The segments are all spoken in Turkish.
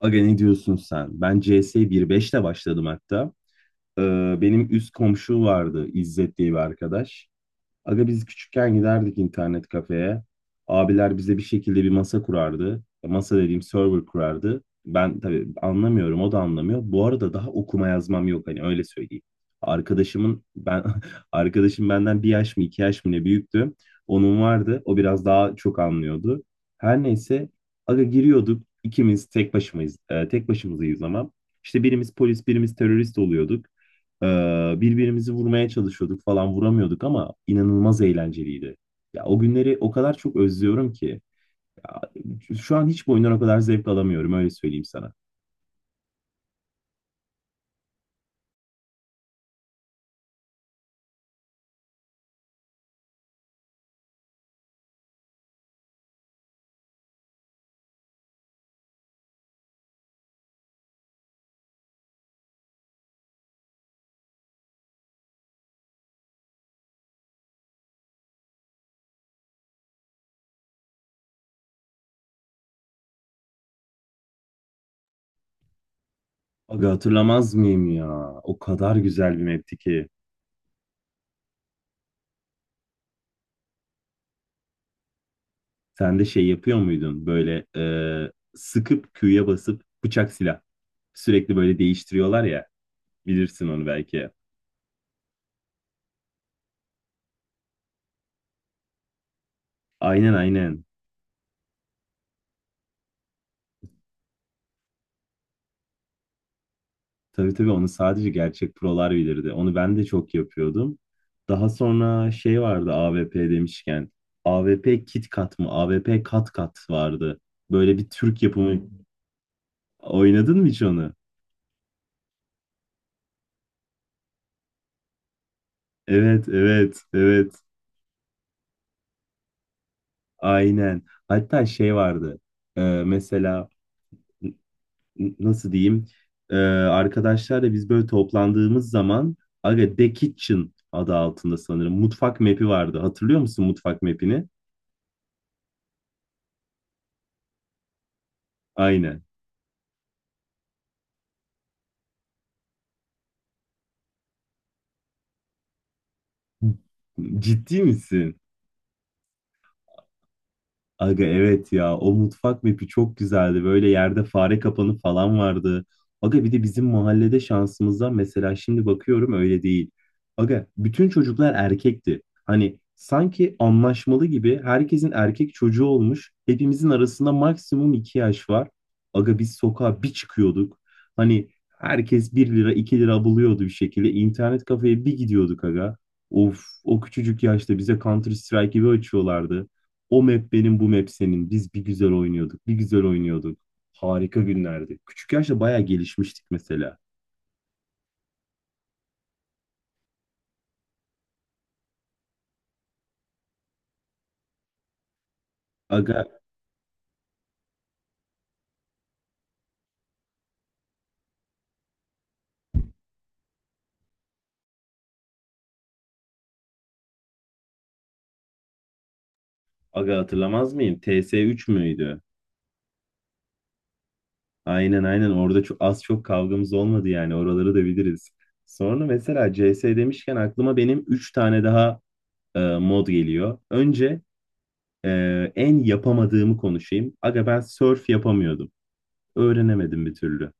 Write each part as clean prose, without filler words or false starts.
Aga ne diyorsun sen? Ben CS 1.5'te başladım hatta. Ee, Benim üst komşu vardı İzzet diye bir arkadaş. Aga biz küçükken giderdik internet kafeye. Abiler bize bir şekilde bir masa kurardı. Masa dediğim server kurardı. Ben tabii anlamıyorum, o da anlamıyor. Bu arada daha okuma yazmam yok hani öyle söyleyeyim. Arkadaşımın ben arkadaşım benden bir yaş mı iki yaş mı ne büyüktü. Onun vardı. O biraz daha çok anlıyordu. Her neyse aga giriyorduk. İkimiz tek başımayız. Tek başımızayız ama. İşte birimiz polis, birimiz terörist oluyorduk. Birbirimizi vurmaya çalışıyorduk falan, vuramıyorduk ama inanılmaz eğlenceliydi. Ya o günleri o kadar çok özlüyorum ki. Ya, şu an hiçbir oyundan o kadar zevk alamıyorum öyle söyleyeyim sana. Aga hatırlamaz mıyım ya? O kadar güzel bir mapti ki. Sen de şey yapıyor muydun böyle sıkıp Q'ya basıp bıçak silah. Sürekli böyle değiştiriyorlar ya. Bilirsin onu belki. Aynen, aynen. Tabii, tabii onu sadece gerçek prolar bilirdi. Onu ben de çok yapıyordum. Daha sonra şey vardı, A V P demişken. A V P Kit Kat mı? A V P Kat Kat vardı. Böyle bir Türk yapımı. Oynadın mı hiç onu? Evet, evet, evet. Aynen. Hatta şey vardı. Ee, mesela n- Nasıl diyeyim? Ee, Arkadaşlarla biz böyle toplandığımız zaman, aga The Kitchen adı altında sanırım. Mutfak map'i vardı. Hatırlıyor musun mutfak map'ini? Aynen. Ciddi misin? Aga evet ya, o mutfak mapi çok güzeldi. Böyle yerde fare kapanı falan vardı. Aga bir de bizim mahallede şansımıza, mesela şimdi bakıyorum öyle değil. Aga bütün çocuklar erkekti. Hani sanki anlaşmalı gibi herkesin erkek çocuğu olmuş. Hepimizin arasında maksimum iki yaş var. Aga biz sokağa bir çıkıyorduk. Hani herkes bir lira 2 lira buluyordu bir şekilde. İnternet kafeye bir gidiyorduk aga. Of, o küçücük yaşta bize Counter Strike gibi açıyorlardı. O map benim, bu map senin. Biz bir güzel oynuyorduk, bir güzel oynuyorduk. Harika günlerdi. Küçük yaşta bayağı gelişmiştik mesela. Aga, aga, hatırlamaz mıyım? TS3 müydü? Aynen, aynen. Orada çok, az çok kavgamız olmadı, yani oraları da biliriz. Sonra mesela CS demişken aklıma benim 3 tane daha mod geliyor. Önce en yapamadığımı konuşayım. Aga ben surf yapamıyordum. Öğrenemedim bir türlü.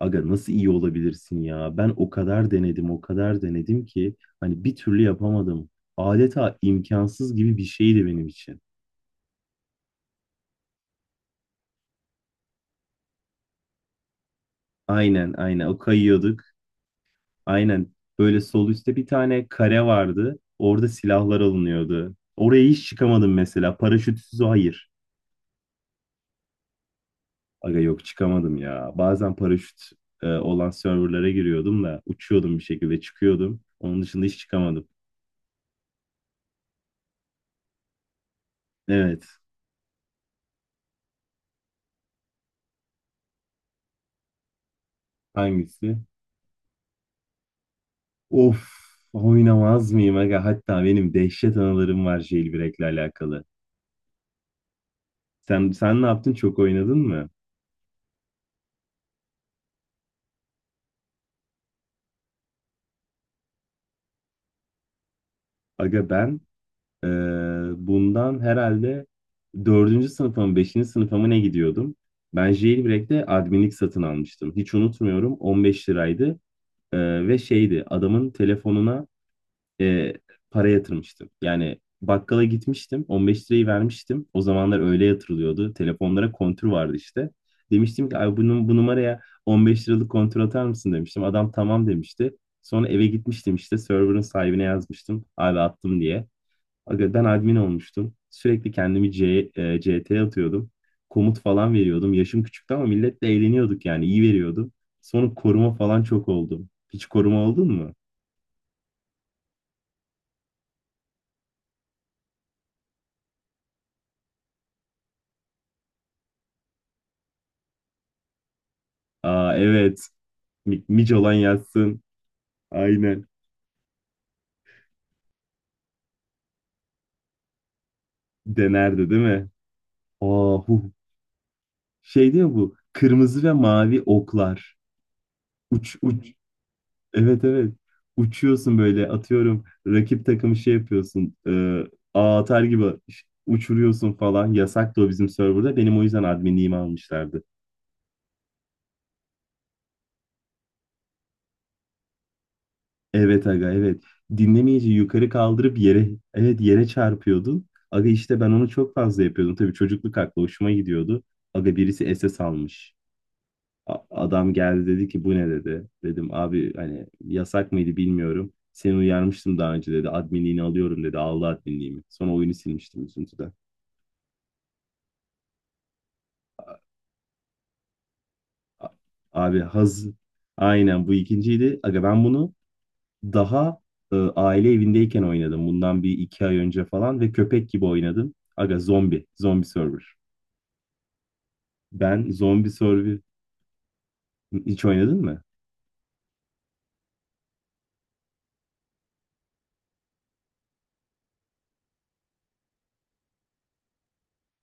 Aga nasıl iyi olabilirsin ya? Ben o kadar denedim, o kadar denedim ki hani bir türlü yapamadım. Adeta imkansız gibi bir şeydi benim için. Aynen, aynen. O, kayıyorduk. Aynen. Böyle sol üstte bir tane kare vardı. Orada silahlar alınıyordu. Oraya hiç çıkamadım mesela. Paraşütsüz hayır. Aga yok, çıkamadım ya. Bazen paraşüt olan serverlara giriyordum da uçuyordum bir şekilde çıkıyordum. Onun dışında hiç çıkamadım. Evet. Hangisi? Of, oynamaz mıyım aga? Hatta benim dehşet anılarım var jailbreak'le alakalı. Sen ne yaptın? Çok oynadın mı? Aga ben eee, bundan herhalde dördüncü sınıfa mı beşinci sınıfa mı ne gidiyordum? Ben jailbreak'te adminlik satın almıştım. Hiç unutmuyorum, 15 liraydı. Ve şeydi, adamın telefonuna e, para yatırmıştım. Yani bakkala gitmiştim. 15 lirayı vermiştim. O zamanlar öyle yatırılıyordu. Telefonlara kontür vardı işte. Demiştim ki abi bu numaraya 15 liralık kontür atar mısın demiştim. Adam tamam demişti. Sonra eve gitmiştim, işte server'ın sahibine yazmıştım. Abi attım diye. Aga ben admin olmuştum. Sürekli kendimi C T atıyordum. Komut falan veriyordum. Yaşım küçüktü ama milletle eğleniyorduk yani. İyi veriyordum. Sonra koruma falan çok oldum. Hiç koruma oldun mu? Aa, evet. Mic olan yazsın. Aynen. Denerdi değil mi? Aa, huh. Şey diyor bu. Kırmızı ve mavi oklar. Uç uç. Evet, evet. Uçuyorsun böyle atıyorum. Rakip takımı şey yapıyorsun. Ağ atar gibi uçuruyorsun falan. Yasaktı o bizim serverda. Benim o yüzden adminliğimi almışlardı. Evet aga, evet. Dinlemeyici yukarı kaldırıp yere evet yere çarpıyordun. Aga işte ben onu çok fazla yapıyordum. Tabii çocukluk aklı, hoşuma gidiyordu. Aga birisi SS almış. Adam geldi dedi ki bu ne dedi. Dedim abi hani yasak mıydı bilmiyorum. Seni uyarmıştım daha önce dedi. Adminliğini alıyorum dedi. Aldı adminliğimi. Sonra oyunu silmiştim üzüntüden. A- Abi haz Aynen bu ikinciydi. Aga ben bunu daha aile evindeyken oynadım. Bundan bir iki ay önce falan, ve köpek gibi oynadım. Aga zombi. Zombi server. Zombi server hiç oynadın mı?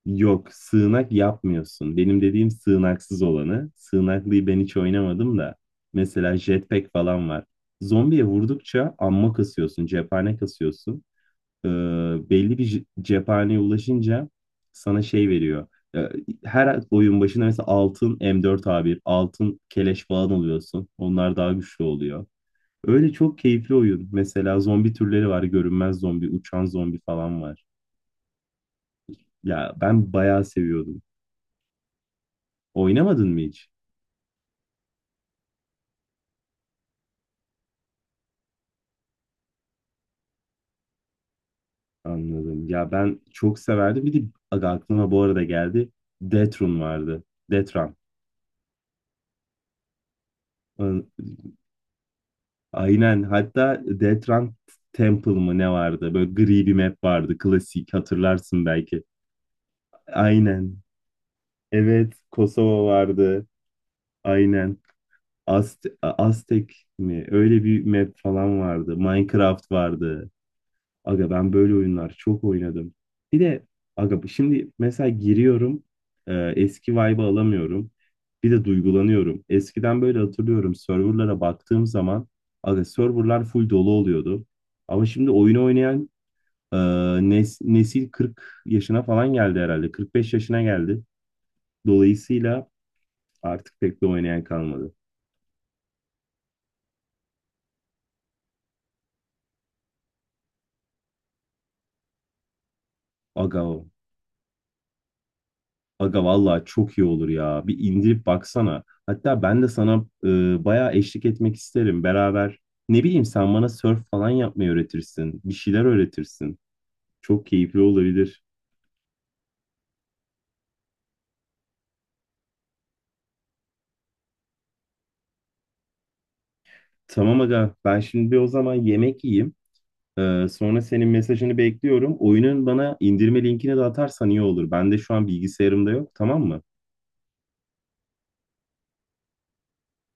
Yok, sığınak yapmıyorsun. Benim dediğim sığınaksız olanı. Sığınaklıyı ben hiç oynamadım da. Mesela jetpack falan var. Zombiye vurdukça amma kasıyorsun, cephane kasıyorsun. Ee, belli bir cephaneye ulaşınca sana şey veriyor. Ee, Her oyun başında mesela altın M4 A1, altın keleş falan alıyorsun. Onlar daha güçlü oluyor. Öyle çok keyifli oyun. Mesela zombi türleri var. Görünmez zombi, uçan zombi falan var. Ya ben bayağı seviyordum. Oynamadın mı hiç? Anladım. Ya ben çok severdim. Bir de aga aklıma bu arada geldi. Deatrun vardı. Detran. An- Aynen. Hatta Detran Temple mı ne vardı? Böyle gri bir map vardı. Klasik hatırlarsın belki. Aynen. Evet. Kosova vardı. Aynen. Aztek mi? Öyle bir map falan vardı. Minecraft vardı. Aga ben böyle oyunlar çok oynadım. Bir de aga şimdi mesela giriyorum eski vibe'ı alamıyorum. Bir de duygulanıyorum. Eskiden böyle hatırlıyorum, serverlara baktığım zaman aga serverlar full dolu oluyordu. Ama şimdi oyun oynayan e, nesil 40 yaşına falan geldi herhalde. 45 yaşına geldi. Dolayısıyla artık pek de oynayan kalmadı. Aga Aga, vallahi çok iyi olur ya. Bir indirip baksana. Hatta ben de sana bayağı eşlik etmek isterim beraber. Ne bileyim, sen bana surf falan yapmayı öğretirsin. Bir şeyler öğretirsin. Çok keyifli olabilir. Tamam aga, ben şimdi bir o zaman yemek yiyeyim. Sonra senin mesajını bekliyorum. Oyunun bana indirme linkini de atarsan iyi olur. Ben de şu an bilgisayarımda yok, tamam mı?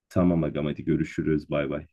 Tamam aga, hadi görüşürüz, bay bay.